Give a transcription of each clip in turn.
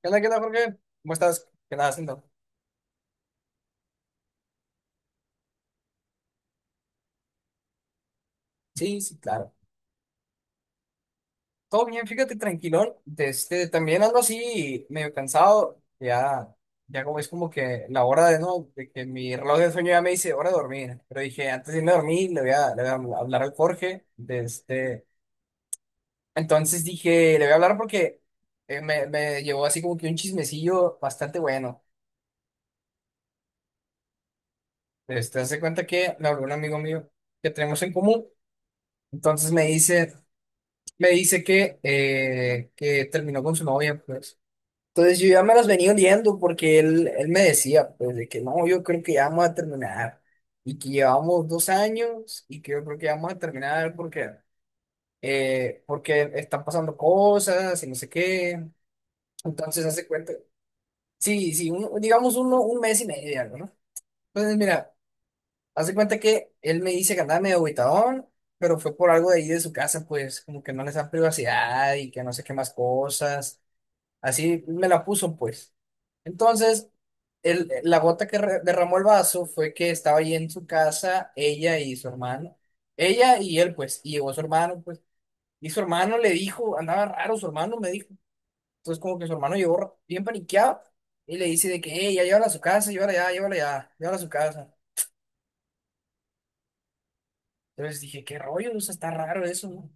Qué onda, Jorge? ¿Cómo estás? ¿Qué andas haciendo? Sí, sí, claro. Todo bien, fíjate, tranquilón. También ando así medio cansado. Ya, ya como es como que la hora de no, de que mi reloj de sueño ya me dice hora de dormir. Pero dije, antes de irme a dormir, le voy a hablar al Jorge. De este. Entonces dije, le voy a hablar porque me llevó así como que un chismecillo bastante bueno. Hace cuenta que me habló un amigo mío que tenemos en común. Entonces me dice. Me dice que terminó con su novia, pues. Entonces yo ya me las venía oliendo porque él me decía, pues, de que no, yo creo que ya vamos a terminar y que llevamos 2 años y que yo creo que ya vamos a terminar porque, porque están pasando cosas y no sé qué. Entonces hace cuenta, sí, sí, digamos un mes y medio, algo, ¿no? Entonces mira, hace cuenta que él me dice que andaba medio agüitadón, pero fue por algo de ahí de su casa, pues como que no les da privacidad y que no sé qué más cosas. Así me la puso, pues. Entonces, la gota que derramó el vaso fue que estaba ahí en su casa, ella y su hermano. Ella y él, pues, y llegó su hermano, pues. Y su hermano le dijo, andaba raro, su hermano me dijo. Entonces, como que su hermano llegó bien paniqueado y le dice de que, hey, ya llévala a su casa, llévala ya, llévala ya, llévala a su casa. Entonces dije, qué rollo, o sea, está raro eso, ¿no?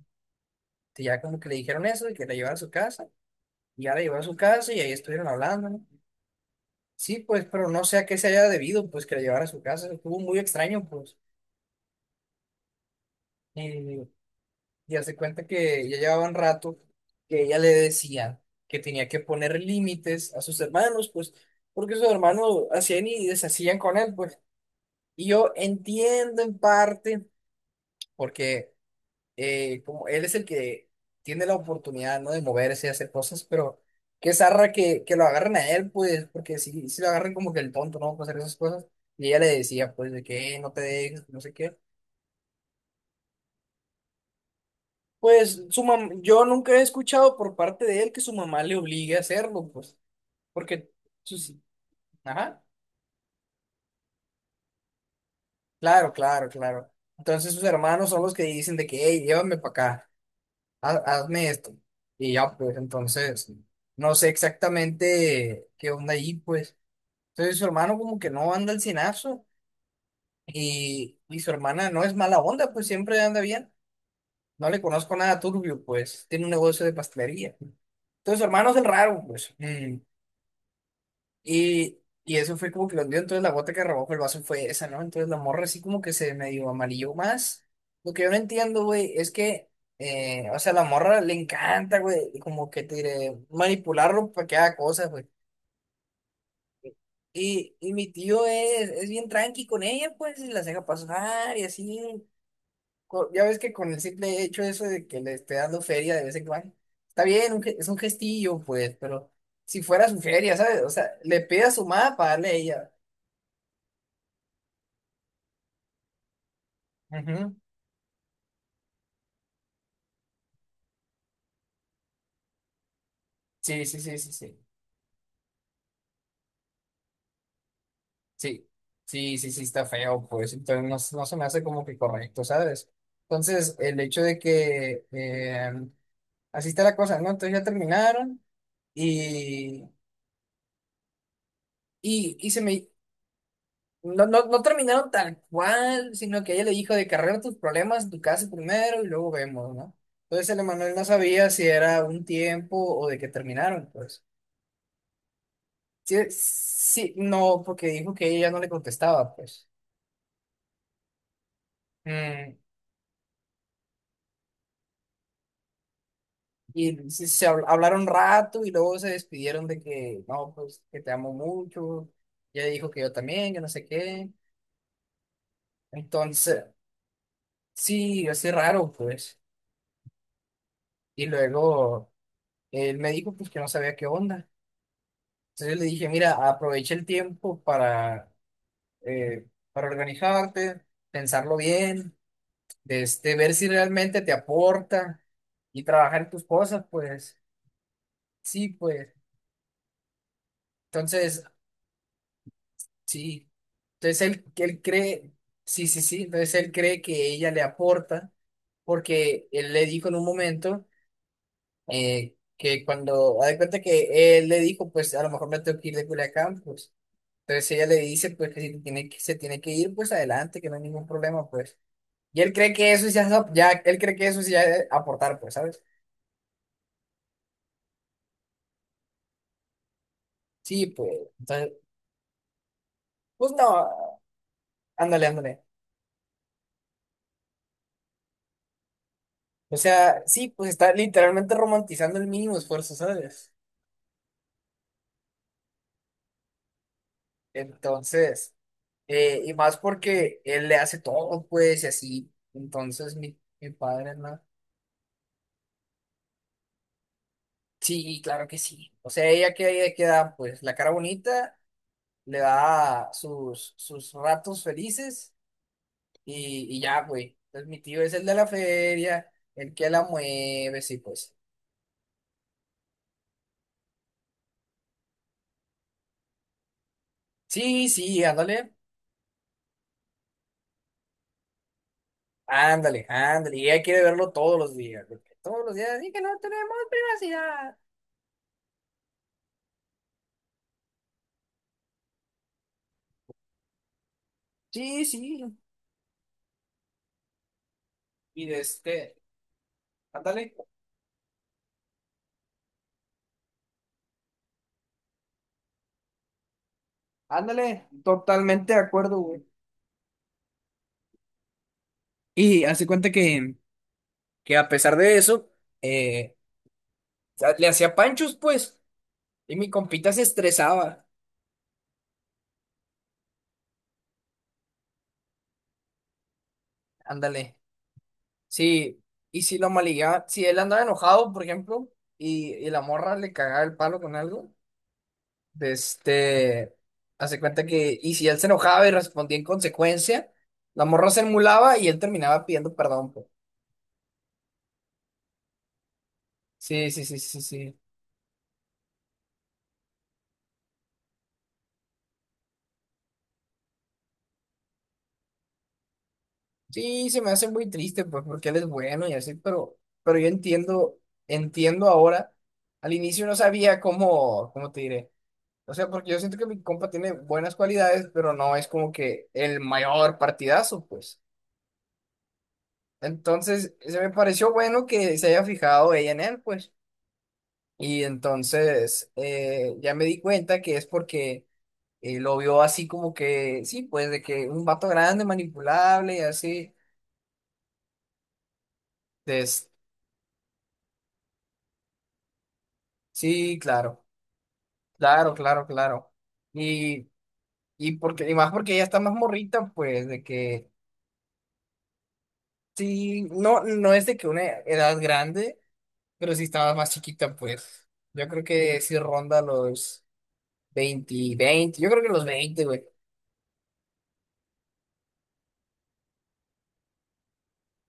Y ya como que le dijeron eso, de que la llevara a su casa, y ya la llevó a su casa y ahí estuvieron hablando, ¿no? Sí, pues, pero no sé a qué se haya debido, pues, que la llevara a su casa. Estuvo muy extraño, pues. Y, y hace cuenta que ya llevaba un rato que ella le decía que tenía que poner límites a sus hermanos, pues, porque sus hermanos hacían y deshacían con él, pues. Y yo entiendo en parte, porque como él es el que tiene la oportunidad, ¿no? De moverse y hacer cosas, pero qué zarra que lo agarren a él, pues, porque si, si lo agarran como que el tonto, ¿no? Para hacer esas cosas. Y ella le decía, pues, de que no te dejes, no sé qué. Pues su mam yo nunca he escuchado por parte de él que su mamá le obligue a hacerlo, pues, porque, sus- ajá, claro, claro, claro. Entonces sus hermanos son los que dicen de que, hey, llévame para acá. Hazme esto. Y ya, pues entonces, no sé exactamente qué onda ahí, pues. Entonces su hermano como que no anda al cienazo y su hermana no es mala onda, pues siempre anda bien. No le conozco nada turbio, pues tiene un negocio de pastelería. Entonces su hermano es el raro, pues. Y, y eso fue como que lo hundió, entonces la gota que rebajó el vaso fue esa, ¿no? Entonces la morra así como que se medio amarilló más. Lo que yo no entiendo, güey, es que, o sea, la morra le encanta, güey, como que te diré, manipularlo para que haga cosas, güey. Y mi tío es bien tranqui con ella, pues, y las deja pasar y así. Ya ves que con el simple hecho eso de que le esté dando feria de vez en cuando, está bien, es un gestillo, pues, pero si fuera su feria, ¿sabes? O sea, le pide a su mamá para darle a ella. Ujú. Sí, sí, sí, sí, sí. Sí, sí, sí, sí, está feo, pues. Entonces no, se- no se me hace como que correcto, ¿sabes? Entonces, el hecho de que así está la cosa, ¿no? Entonces ya terminaron y, y se me. No, no, no terminaron tal cual, sino que ella le dijo de que arregla tus problemas, tu casa primero y luego vemos, ¿no? Entonces el Emanuel no sabía si era un tiempo o de que terminaron, pues. Sí, sí, no, porque dijo que ella no le contestaba, pues. Mm, Hablaron un rato y luego se despidieron de que, no, pues que te amo mucho. Ella dijo que yo también, que no sé qué. Entonces, sí, así raro, pues. Y luego él me dijo, pues que no sabía qué onda. Entonces yo le dije, mira, aprovecha el tiempo eh, para organizarte, pensarlo bien, ver si realmente te aporta y trabajar en tus cosas, pues. Sí, pues. Entonces, sí. Entonces él cree, sí, sí, sí, entonces él cree que ella le aporta, porque él le dijo en un momento que cuando, haz de cuenta que él le dijo, pues a lo mejor me tengo que ir de Culiacán, pues. Entonces ella le dice, pues que si tiene que, se tiene que ir, pues adelante, que no hay ningún problema, pues. Y él cree que eso ya, ya él cree que eso es ya es aportar, pues, ¿sabes? Sí, pues, entonces, pues no, ándale, ándale. O sea, sí, pues está literalmente romantizando el mínimo esfuerzo, ¿sabes? Entonces, y más porque él le hace todo, pues, y así. Entonces, mi padre, ¿no? Sí, claro que sí. O sea, ella que ella queda, pues, la cara bonita, le da sus ratos felices y ya, güey. Entonces, mi tío es el de la feria, el que la mueve, sí, pues. Sí, sí, ándale, ándale, ándale. Y ella quiere verlo todos los días, porque todos los días, y que no tenemos privacidad. Sí, sí. Y de este, Ándale. Ándale, totalmente de acuerdo, güey. Y hace cuenta que a pesar de eso, eh, le hacía panchos, pues, y mi compita se estresaba. Ándale. Sí, y si lo maligueaba, si él andaba enojado, por ejemplo, y la morra le cagaba el palo con algo, de este, hace cuenta que, y si él se enojaba y respondía en consecuencia, la morra se emulaba y él terminaba pidiendo perdón, pues. Sí, sí, sí, sí, sí. Sí, se me hace muy triste, pues, porque él es bueno y así, pero yo entiendo, entiendo ahora. Al inicio no sabía cómo, cómo te diré. O sea, porque yo siento que mi compa tiene buenas cualidades, pero no es como que el mayor partidazo, pues. Entonces, se me pareció bueno que se haya fijado ella en él, pues. Y entonces, ya me di cuenta que es porque lo vio así como que, sí, pues, de que un vato grande, manipulable y así. Entonces, sí, claro. Claro, claro, claro. Y, y porque, y más porque ella está más morrita, pues, de que sí, no, no es de que una edad grande, pero sí estaba más chiquita, pues. Yo creo que sí ronda los 20 20 yo creo que los 20 güey.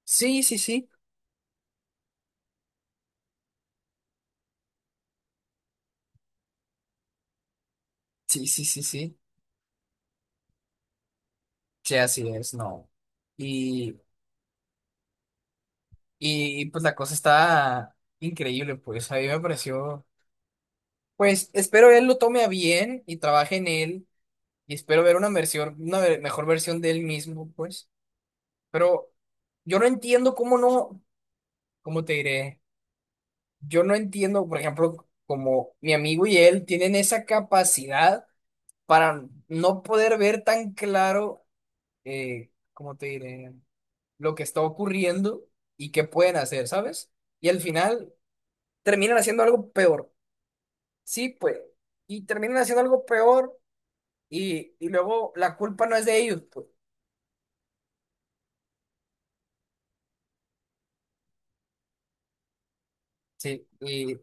Sí, sí, sí. Sí, sí, sí, sí. Sí, así es, no. Y, y pues la cosa está increíble, pues. A mí me pareció. Pues espero él lo tome a bien y trabaje en él. Y espero ver una versión, mejor versión de él mismo, pues. Pero yo no entiendo cómo no, cómo te diré, yo no entiendo, por ejemplo, como mi amigo y él tienen esa capacidad para no poder ver tan claro, cómo te diré, lo que está ocurriendo y qué pueden hacer, ¿sabes? Y al final terminan haciendo algo peor. Sí, pues. Y terminan haciendo algo peor y luego la culpa no es de ellos, pues. Sí, y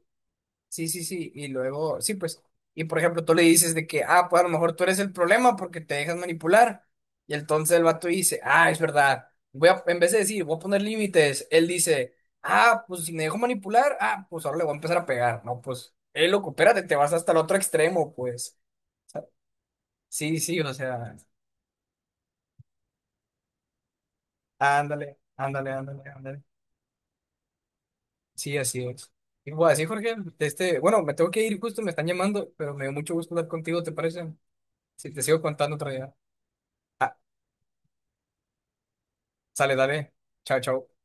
sí, sí, sí, y luego, sí, pues, y por ejemplo, tú le dices de que, ah, pues a lo mejor tú eres el problema porque te dejas manipular, y entonces el vato dice, ah, es verdad, voy a, en vez de decir, voy a poner límites, él dice, ah, pues si me dejo manipular, ah, pues ahora le voy a empezar a pegar, no, pues, loco, espérate, te vas hasta el otro extremo, pues, sí, sí, o sea, ándale, ándale, ándale, ándale, sí, así es. Y pues así, Jorge, bueno, me tengo que ir justo, me están llamando, pero me dio mucho gusto hablar contigo, ¿te parece? Si te sigo contando otra vez. Ah, sale, dale. Chao, chao.